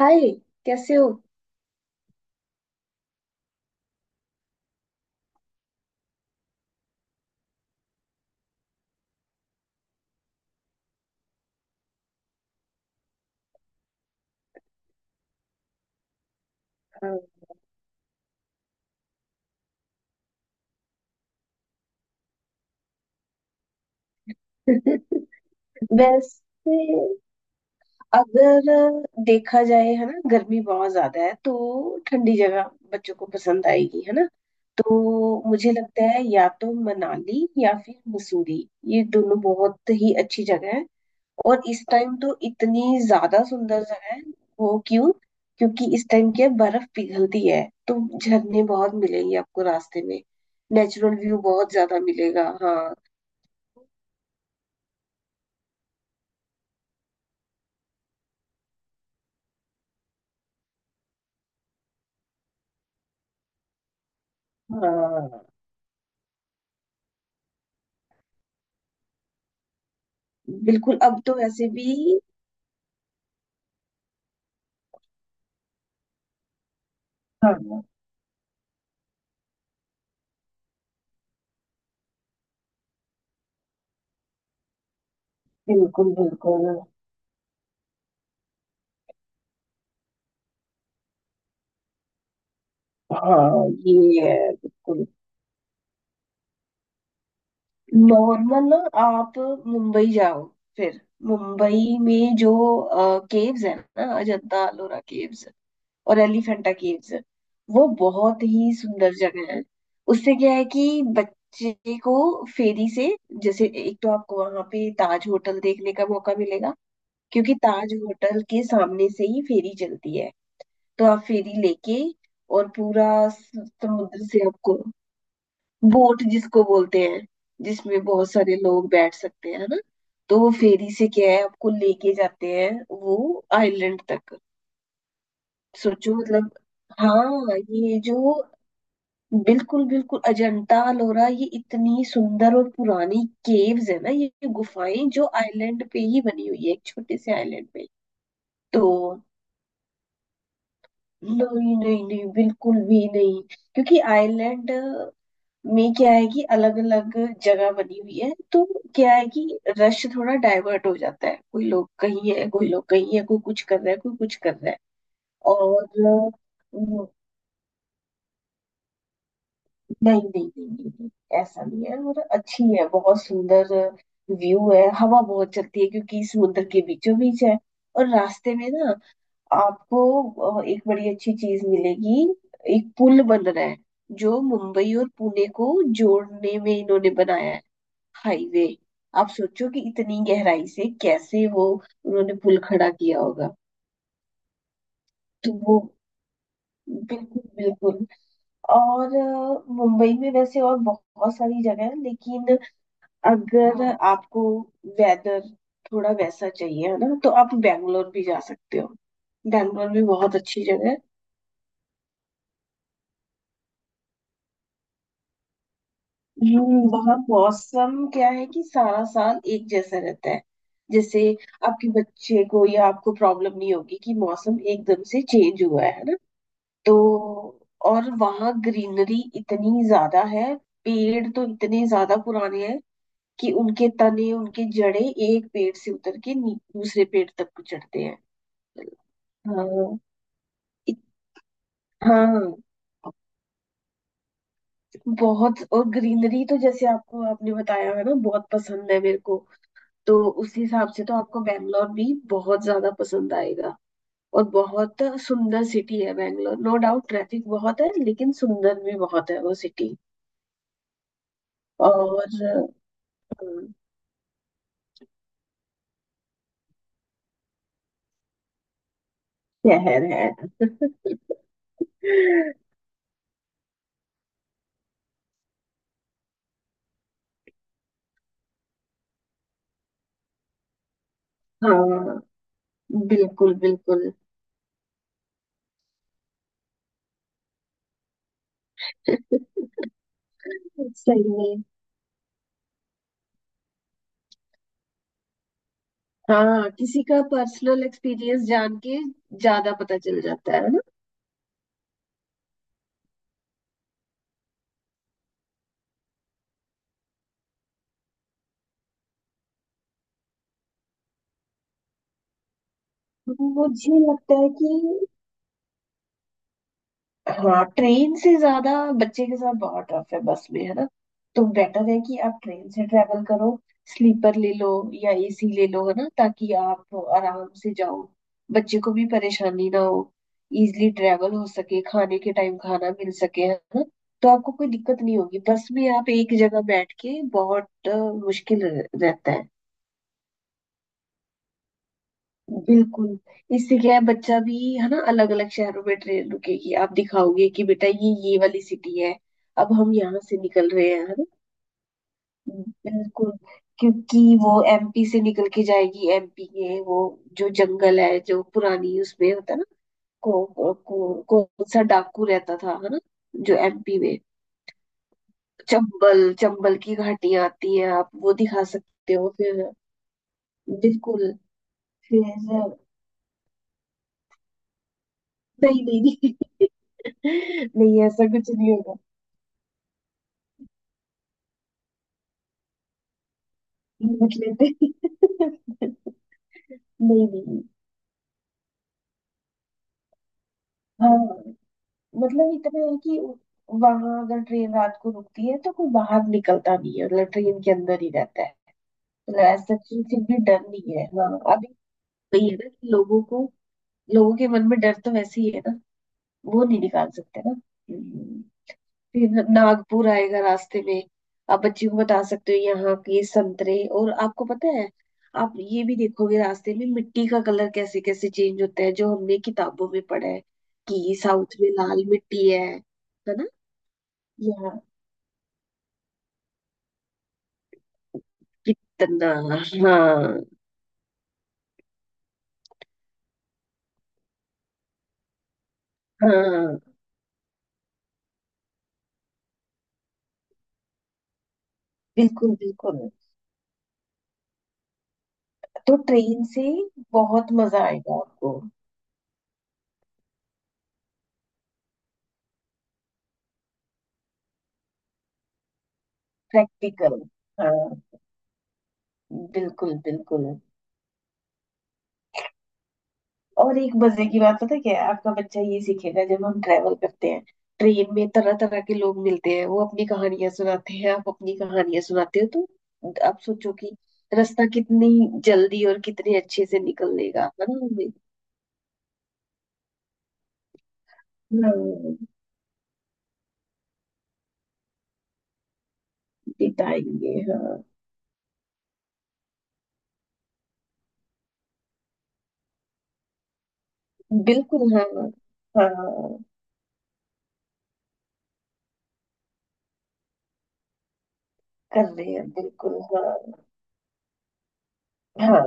हाय कैसे हो। हाँ। वैसे अगर देखा जाए है ना गर्मी बहुत ज्यादा है तो ठंडी जगह बच्चों को पसंद आएगी है ना। तो मुझे लगता है या तो मनाली या फिर मसूरी, ये दोनों बहुत ही अच्छी जगह है। और इस टाइम तो इतनी ज्यादा सुंदर जगह है। वो क्यों, क्योंकि इस टाइम क्या है, बर्फ पिघलती है, तो झरने बहुत मिलेंगे आपको रास्ते में। नेचुरल व्यू बहुत ज्यादा मिलेगा। हाँ, हाँ बिल्कुल। अब तो वैसे भी हाँ बिल्कुल बिल्कुल। हाँ ये है बिल्कुल। नॉर्मल ना, आप मुंबई जाओ। फिर मुंबई में जो केव्स है ना, अजंता एलोरा केव्स और एलिफेंटा केव्स, वो बहुत ही सुंदर जगह है। उससे क्या है कि बच्चे को फेरी से, जैसे एक तो आपको वहां पे ताज होटल देखने का मौका मिलेगा क्योंकि ताज होटल के सामने से ही फेरी चलती है। तो आप फेरी लेके और पूरा समुद्र से आपको, बोट जिसको बोलते हैं, जिसमें बहुत सारे लोग बैठ सकते हैं है ना। तो वो फेरी से क्या है, आपको लेके जाते हैं वो आइलैंड तक। सोचो मतलब, हाँ ये जो बिल्कुल बिल्कुल अजंता अलोरा, ये इतनी सुंदर और पुरानी केव्स है ना, ये गुफाएं जो आइलैंड पे ही बनी हुई है, एक छोटे से आइलैंड पे। तो नहीं नहीं नहीं, बिल्कुल भी नहीं, क्योंकि आइलैंड में क्या है कि अलग अलग जगह बनी हुई है। तो क्या है कि रश थोड़ा डाइवर्ट हो जाता है, कोई लोग कहीं है, कोई लोग कहीं है, कोई कुछ कर रहा है, कोई कुछ कर रहा है। और अम, नहीं नहीं नहीं नहीं नहीं, ऐसा नहीं है, और अच्छी है, बहुत सुंदर व्यू है, हवा बहुत चलती है क्योंकि समुद्र के बीचों बीच है। और रास्ते में ना आपको एक बड़ी अच्छी चीज मिलेगी। एक पुल बन रहा है जो मुंबई और पुणे को जोड़ने में इन्होंने बनाया है, हाईवे। आप सोचो कि इतनी गहराई से कैसे वो उन्होंने पुल खड़ा किया होगा। तो वो बिल्कुल बिल्कुल, और मुंबई में वैसे और बहुत सारी जगह है, लेकिन अगर हाँ आपको वेदर थोड़ा वैसा चाहिए है ना, तो आप बैंगलोर भी जा सकते हो। बैंगलोर भी बहुत अच्छी जगह है। वहाँ मौसम क्या है कि सारा साल एक जैसा रहता है। जैसे आपके बच्चे को या आपको प्रॉब्लम नहीं होगी कि मौसम एकदम से चेंज हुआ है। तो और वहाँ ग्रीनरी इतनी ज्यादा है, पेड़ तो इतने ज्यादा पुराने हैं कि उनके तने उनके जड़े एक पेड़ से उतर के दूसरे पेड़ तक चढ़ते हैं। हाँ इत, हाँ बहुत। और ग्रीनरी तो जैसे आपको, आपने बताया है ना, बहुत पसंद है मेरे को, तो उस हिसाब से तो आपको बैंगलोर भी बहुत ज्यादा पसंद आएगा। और बहुत सुंदर सिटी है बैंगलोर, नो डाउट ट्रैफिक बहुत है, लेकिन सुंदर भी बहुत है वो सिटी। और हम्म, शहर है। हाँ बिल्कुल बिल्कुल। सही है। हाँ किसी का पर्सनल एक्सपीरियंस जान के ज्यादा पता चल जाता है ना। मुझे लगता है कि हाँ ट्रेन से, ज्यादा बच्चे के साथ बहुत टफ है बस में है ना, तो बेटर है कि आप ट्रेन से ट्रेवल करो। स्लीपर ले लो या एसी ले लो है ना, ताकि आप आराम से जाओ, बच्चे को भी परेशानी ना हो, इजली ट्रेवल हो सके, खाने के टाइम खाना मिल सके है ना। तो आपको कोई दिक्कत नहीं होगी। बस में आप एक जगह बैठ के बहुत मुश्किल रहता है। बिल्कुल। इससे क्या है, बच्चा भी है ना, अलग अलग शहरों में ट्रेन रुकेगी, आप दिखाओगे कि बेटा ये वाली सिटी है, अब हम यहाँ से निकल रहे हैं है ना। बिल्कुल, क्योंकि वो एमपी से निकल के जाएगी। एमपी के वो जो जंगल है, जो पुरानी उसमें होता है ना, कौन सा डाकू रहता था है ना, जो एमपी में, चंबल चंबल की घाटियां आती हैं, आप वो दिखा सकते हो फिर। बिल्कुल। फिर नहीं नहीं नहीं। नहीं ऐसा कुछ नहीं, रख लेते हैं। नहीं नहीं, हाँ मतलब इतना है कि वहां अगर ट्रेन रात को रुकती है तो कोई बाहर निकलता नहीं है, मतलब ट्रेन के अंदर ही रहता है। मतलब ऐसा किसी से भी डर नहीं है हाँ अभी। वही है ना कि लोगों को, लोगों के मन में डर तो वैसे ही है ना, वो नहीं निकाल सकते ना। फिर नागपुर आएगा रास्ते में, आप बच्ची को बता सकते हो यहाँ के संतरे, और आपको पता है आप ये भी देखोगे रास्ते में मिट्टी का कलर कैसे कैसे चेंज होता है, जो हमने किताबों में पढ़ा है कि साउथ में लाल मिट्टी है ना। यहाँ कितना, हाँ हाँ बिल्कुल बिल्कुल। तो ट्रेन से बहुत मजा आएगा आपको। प्रैक्टिकल, हाँ बिल्कुल बिल्कुल। और एक मजे की बात पता क्या है, आपका बच्चा ये सीखेगा। जब हम ट्रेवल करते हैं ट्रेन में, तरह तरह के लोग मिलते हैं, वो अपनी कहानियां सुनाते हैं, आप अपनी कहानियां सुनाते हो, तो आप सोचो कि रास्ता कितनी जल्दी और कितने अच्छे से निकल लेगा है ना हमें। हाँ, बिताएंगे हाँ। बिल्कुल हाँ। हाँ कर रहे हैं बिल्कुल हाँ। हाँ,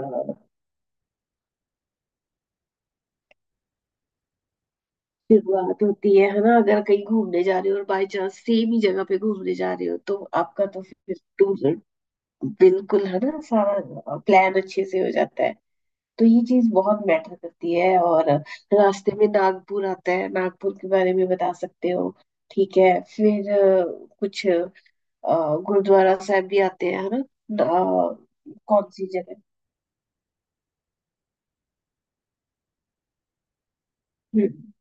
शुरुआत होती है ना, अगर कहीं घूमने जा रहे हो और बाय चांस सेम ही जगह पे घूमने जा रहे हो, तो आपका तो फिर टूर, बिल्कुल है ना, सारा प्लान अच्छे से हो जाता है। तो ये चीज बहुत मैटर करती है। और रास्ते में नागपुर आता है, नागपुर के बारे में बता सकते हो। ठीक है फिर कुछ गुरुद्वारा साहब भी आते हैं है ना, कौन सी जगह। हम्म,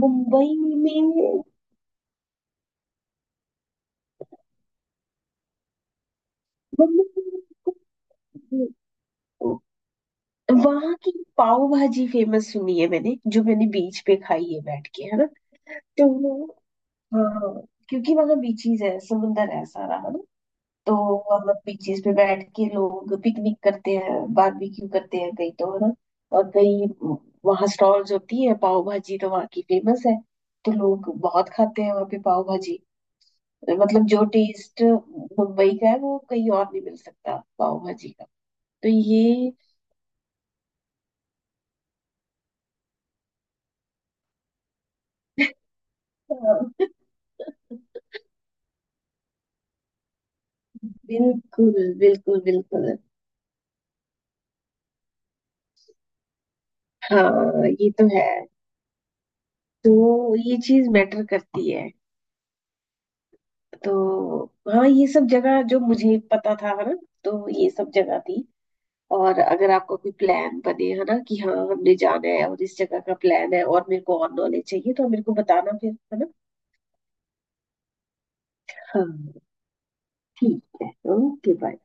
मुंबई में, मुंबई, वहां की पाव भाजी फेमस, सुनी है मैंने, जो मैंने बीच पे खाई है बैठ के है ना। तो हाँ, क्योंकि मतलब बीचीज है, समुंदर है, सारा है ना। तो मतलब बीचीज पे बैठ के लोग पिकनिक करते हैं, बारबेक्यू करते हैं कई तो है ना। और कई वहाँ स्टॉल्स होती है, पाव भाजी तो वहाँ की फेमस है, तो लोग बहुत खाते हैं वहाँ पे पाव भाजी। मतलब जो टेस्ट मुंबई का है वो कहीं और नहीं मिल सकता पाव भाजी का। तो ये बिल्कुल बिल्कुल बिल्कुल। हाँ ये तो है। तो ये चीज मैटर करती है। तो हाँ ये सब जगह जो मुझे पता था है ना, तो ये सब जगह थी। और अगर आपका कोई प्लान बने है ना कि हाँ हमने जाना है और इस जगह का प्लान है और मेरे को और नॉलेज चाहिए, तो आप मेरे को बताना फिर है ना। हाँ ठीक है ओके बाय।